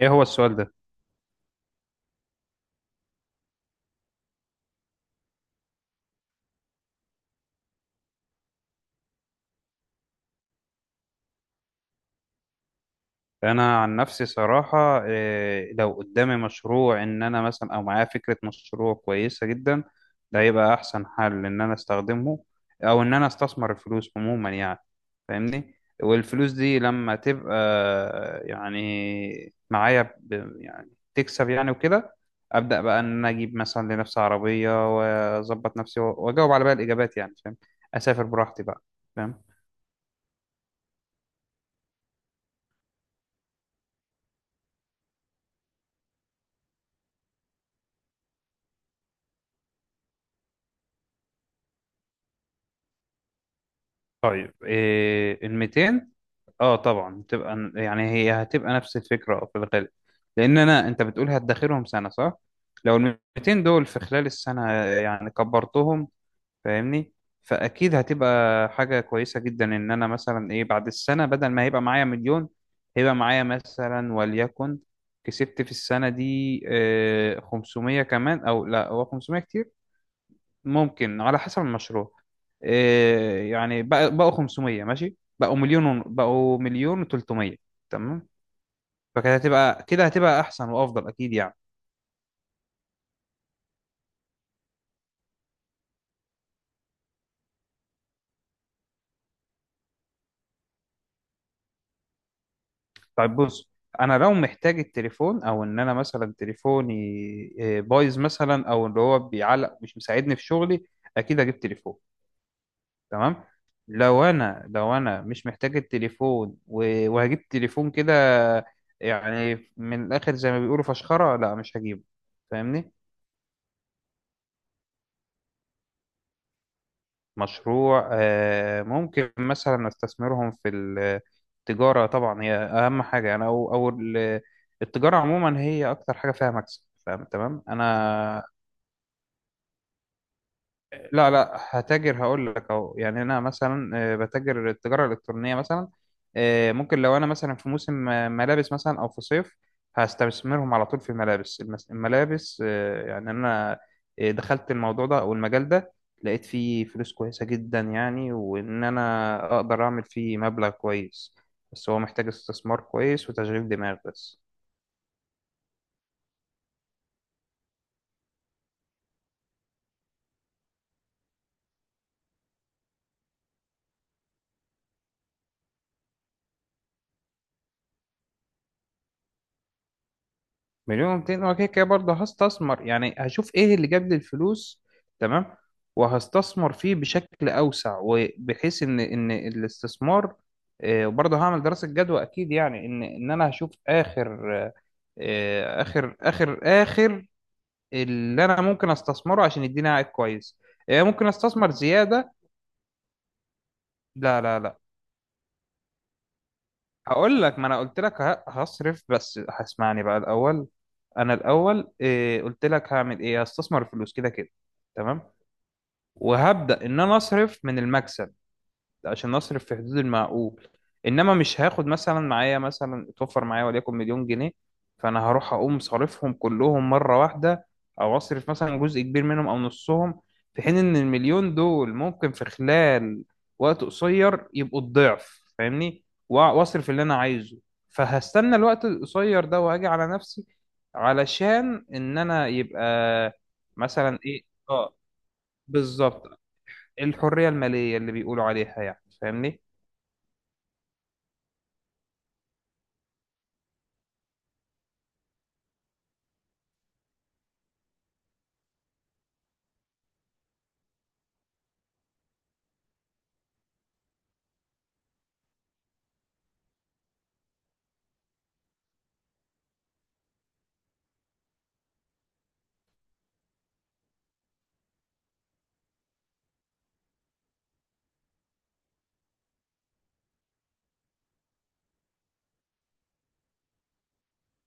ايه هو السؤال ده؟ انا عن نفسي صراحة لو قدامي مشروع ان انا مثلا او معايا فكرة مشروع كويسة جدا، ده هيبقى احسن حل ان انا استخدمه، او ان انا استثمر الفلوس عموما يعني. فاهمني؟ والفلوس دي لما تبقى يعني معايا يعني تكسب يعني وكده، ابدا بقى ان انا اجيب مثلا لنفسي عربية واظبط نفسي واجاوب على بقى الاجابات يعني. فاهم؟ اسافر براحتي بقى. فاهم. طيب إيه ال 200؟ اه طبعا تبقى يعني هي هتبقى نفس الفكره في الغالب، لان انا انت بتقول هتدخلهم سنه صح؟ لو ال 200 دول في خلال السنه يعني كبرتهم، فاهمني؟ فاكيد هتبقى حاجه كويسه جدا ان انا مثلا ايه بعد السنه، بدل ما هيبقى معايا مليون هيبقى معايا مثلا وليكن كسبت في السنه دي 500 كمان، او لا هو 500 كتير، ممكن على حسب المشروع. إيه يعني بقوا 500، ماشي بقوا مليون بقوا مليون و300. تمام. فكده هتبقى كده هتبقى احسن وافضل اكيد يعني. طيب بص، انا لو محتاج التليفون او ان انا مثلا تليفوني بايظ مثلا او اللي هو بيعلق مش مساعدني في شغلي، اكيد اجيب تليفون، تمام. لو انا مش محتاج التليفون وهجيب تليفون كده، يعني من الاخر زي ما بيقولوا فشخره، لا مش هجيبه، فاهمني؟ مشروع، ممكن مثلا استثمرهم في التجارة، طبعا هي أهم حاجة أنا أو التجارة عموما هي أكتر حاجة فيها مكسب، فاهم تمام أنا. لا لا هتاجر، هقول لك اهو، يعني انا مثلا بتاجر التجاره الالكترونيه مثلا. ممكن لو انا مثلا في موسم ملابس مثلا او في صيف، هستثمرهم على طول في الملابس الملابس. يعني انا دخلت الموضوع ده او المجال ده، لقيت فيه فلوس كويسه جدا يعني، وان انا اقدر اعمل فيه مبلغ كويس، بس هو محتاج استثمار كويس وتشغيل دماغ بس. مليون ومتين، هو كده كده برضه هستثمر، يعني هشوف ايه اللي جاب لي الفلوس، تمام، وهستثمر فيه بشكل اوسع، وبحيث ان الاستثمار وبرضه هعمل دراسة جدوى اكيد، يعني ان انا هشوف اخر اخر اخر اللي انا ممكن استثمره عشان يديني عائد كويس. ممكن استثمر زيادة. لا لا لا، هقول لك، ما انا قلت لك هصرف، بس هسمعني بقى الاول. انا الاول قلت لك هعمل ايه، هستثمر الفلوس كده كده، تمام، وهبدأ إن أنا أصرف من المكسب عشان أصرف في حدود المعقول. إنما مش هاخد مثلا معايا مثلا اتوفر معايا وليكن مليون جنيه، فأنا هروح أقوم صارفهم كلهم مرة واحدة أو أصرف مثلا جزء كبير منهم أو نصهم، في حين إن المليون دول ممكن في خلال وقت قصير يبقوا الضعف، فاهمني؟ وأصرف اللي أنا عايزه، فهستنى الوقت القصير ده وأجي على نفسي علشان إن أنا يبقى مثلا إيه، آه، بالظبط، الحرية المالية اللي بيقولوا عليها يعني، فاهمني؟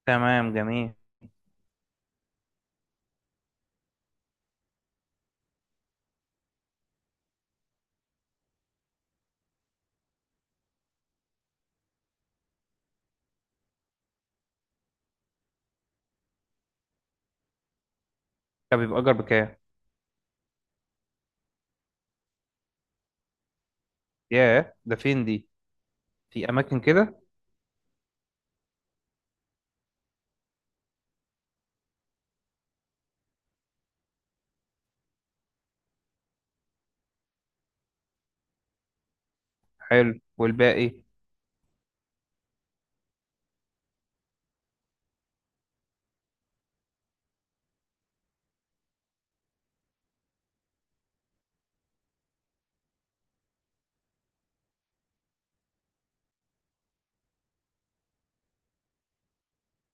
تمام جميل. طب يبقى أجر بكام؟ ياه، ده فين دي؟ في أماكن كده. حلو، والباقي؟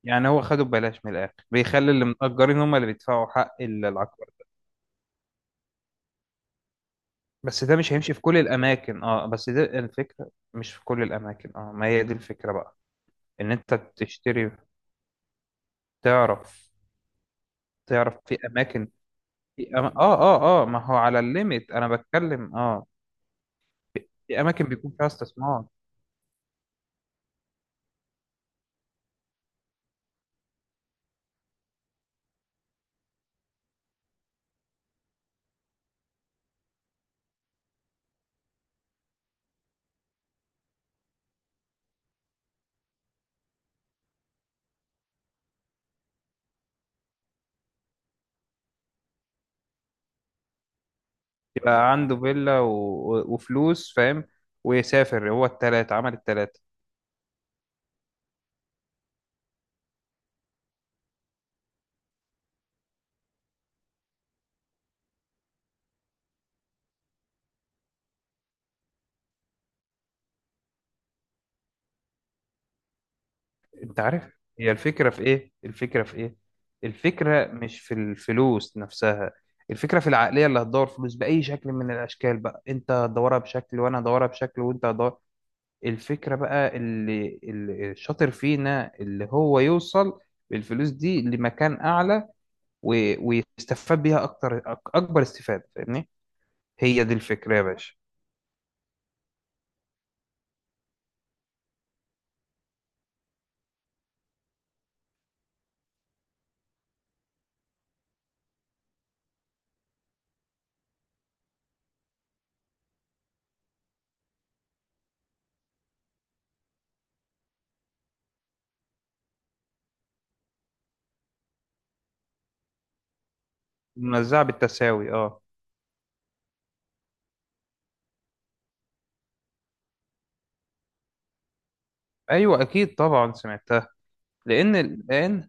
يعني هو خده ببلاش من الآخر، بيخلي اللي متأجرين هم اللي بيدفعوا حق العقار. بس ده مش هيمشي في كل الأماكن، اه، بس ده الفكرة مش في كل الأماكن، اه، ما هي دي الفكرة بقى. إن أنت تشتري، تعرف، تعرف في أماكن، اه اه اه، ما هو على الليميت أنا بتكلم، اه. في أماكن بيكون فيها استثمار. يبقى عنده فيلا و... وفلوس، فاهم؟ ويسافر، هو التلاتة عمل التلاتة. انت عارف، هي الفكرة في ايه؟ الفكرة في ايه؟ الفكرة مش في الفلوس نفسها، الفكرة في العقلية، اللي هتدور فلوس بأي شكل من الأشكال بقى، انت هتدورها بشكل وانا هدورها بشكل وانت هتدور. الفكرة بقى اللي الشاطر فينا اللي هو يوصل بالفلوس دي لمكان أعلى و... ويستفاد بيها أكتر أكبر استفادة، فاهمني؟ هي دي الفكرة يا باشا. منزعة بالتساوي، اه. ايوه اكيد طبعا سمعتها. لان الان،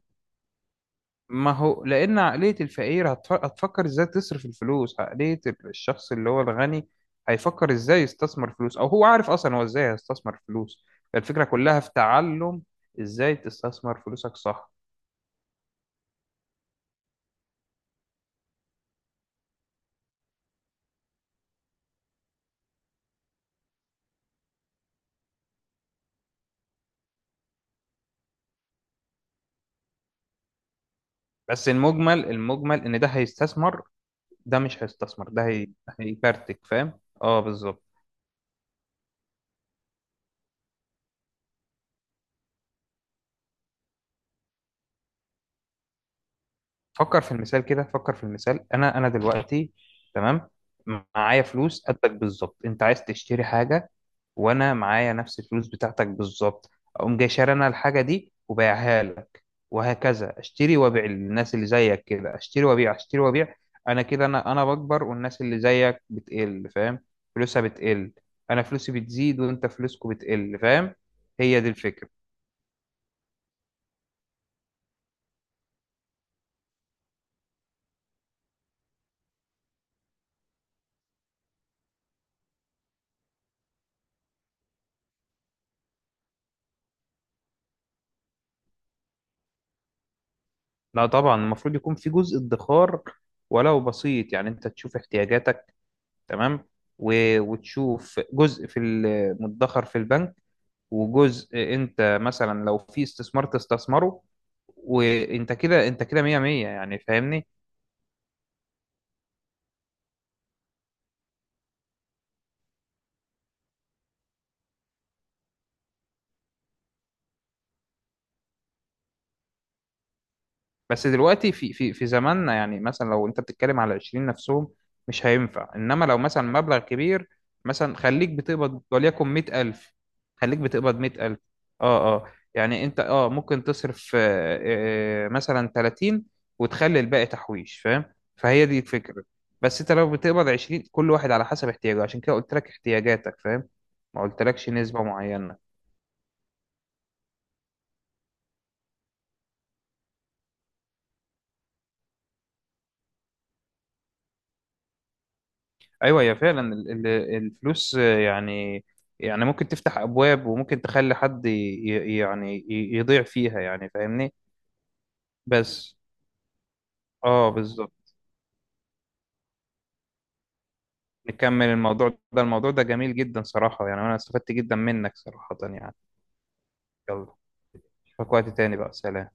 ما هو لان عقليه الفقير هتفكر ازاي تصرف الفلوس، عقليه الشخص اللي هو الغني هيفكر ازاي يستثمر فلوس، او هو عارف اصلا هو ازاي هيستثمر فلوس. الفكره كلها في تعلم ازاي تستثمر فلوسك صح. بس المجمل، المجمل ان ده هيستثمر، ده مش هيستثمر، ده هي... هيكارتك، فاهم؟ اه بالظبط. فكر في المثال كده، فكر في المثال، انا دلوقتي، تمام، معايا فلوس قدك بالظبط، انت عايز تشتري حاجه، وانا معايا نفس الفلوس بتاعتك بالظبط، اقوم جاي شاري انا الحاجه دي وبيعها لك، وهكذا اشتري وابيع للناس اللي زيك كده، اشتري وابيع اشتري وابيع. انا كده انا بكبر، والناس اللي زيك بتقل، فاهم؟ فلوسها بتقل، انا فلوسي بتزيد وانت فلوسكو بتقل، فاهم؟ هي دي الفكره. لا طبعا، المفروض يكون في جزء ادخار، ولو بسيط، يعني انت تشوف احتياجاتك، تمام، وتشوف جزء مدخر في البنك، وجزء انت مثلا لو في استثمار تستثمره، وانت كده انت كده مية مية يعني، فاهمني؟ بس دلوقتي في زماننا يعني، مثلا لو انت بتتكلم على 20 نفسهم مش هينفع، انما لو مثلا مبلغ كبير، مثلا خليك بتقبض وليكن 100000، خليك بتقبض 100000، اه اه، يعني انت اه ممكن تصرف مثلا 30، وتخلي الباقي تحويش، فاهم؟ فهي دي الفكرة. بس انت لو بتقبض 20، كل واحد على حسب احتياجه، عشان كده قلت لك احتياجاتك، فاهم؟ ما قلتلكش نسبة معينة. ايوه هي فعلا الفلوس يعني، يعني ممكن تفتح ابواب وممكن تخلي حد يعني يضيع فيها يعني، فاهمني؟ بس. اه بالظبط، نكمل الموضوع ده، الموضوع ده جميل جدا صراحة يعني، انا استفدت جدا منك صراحة يعني. يلا. اشوفك وقت تاني بقى، سلام.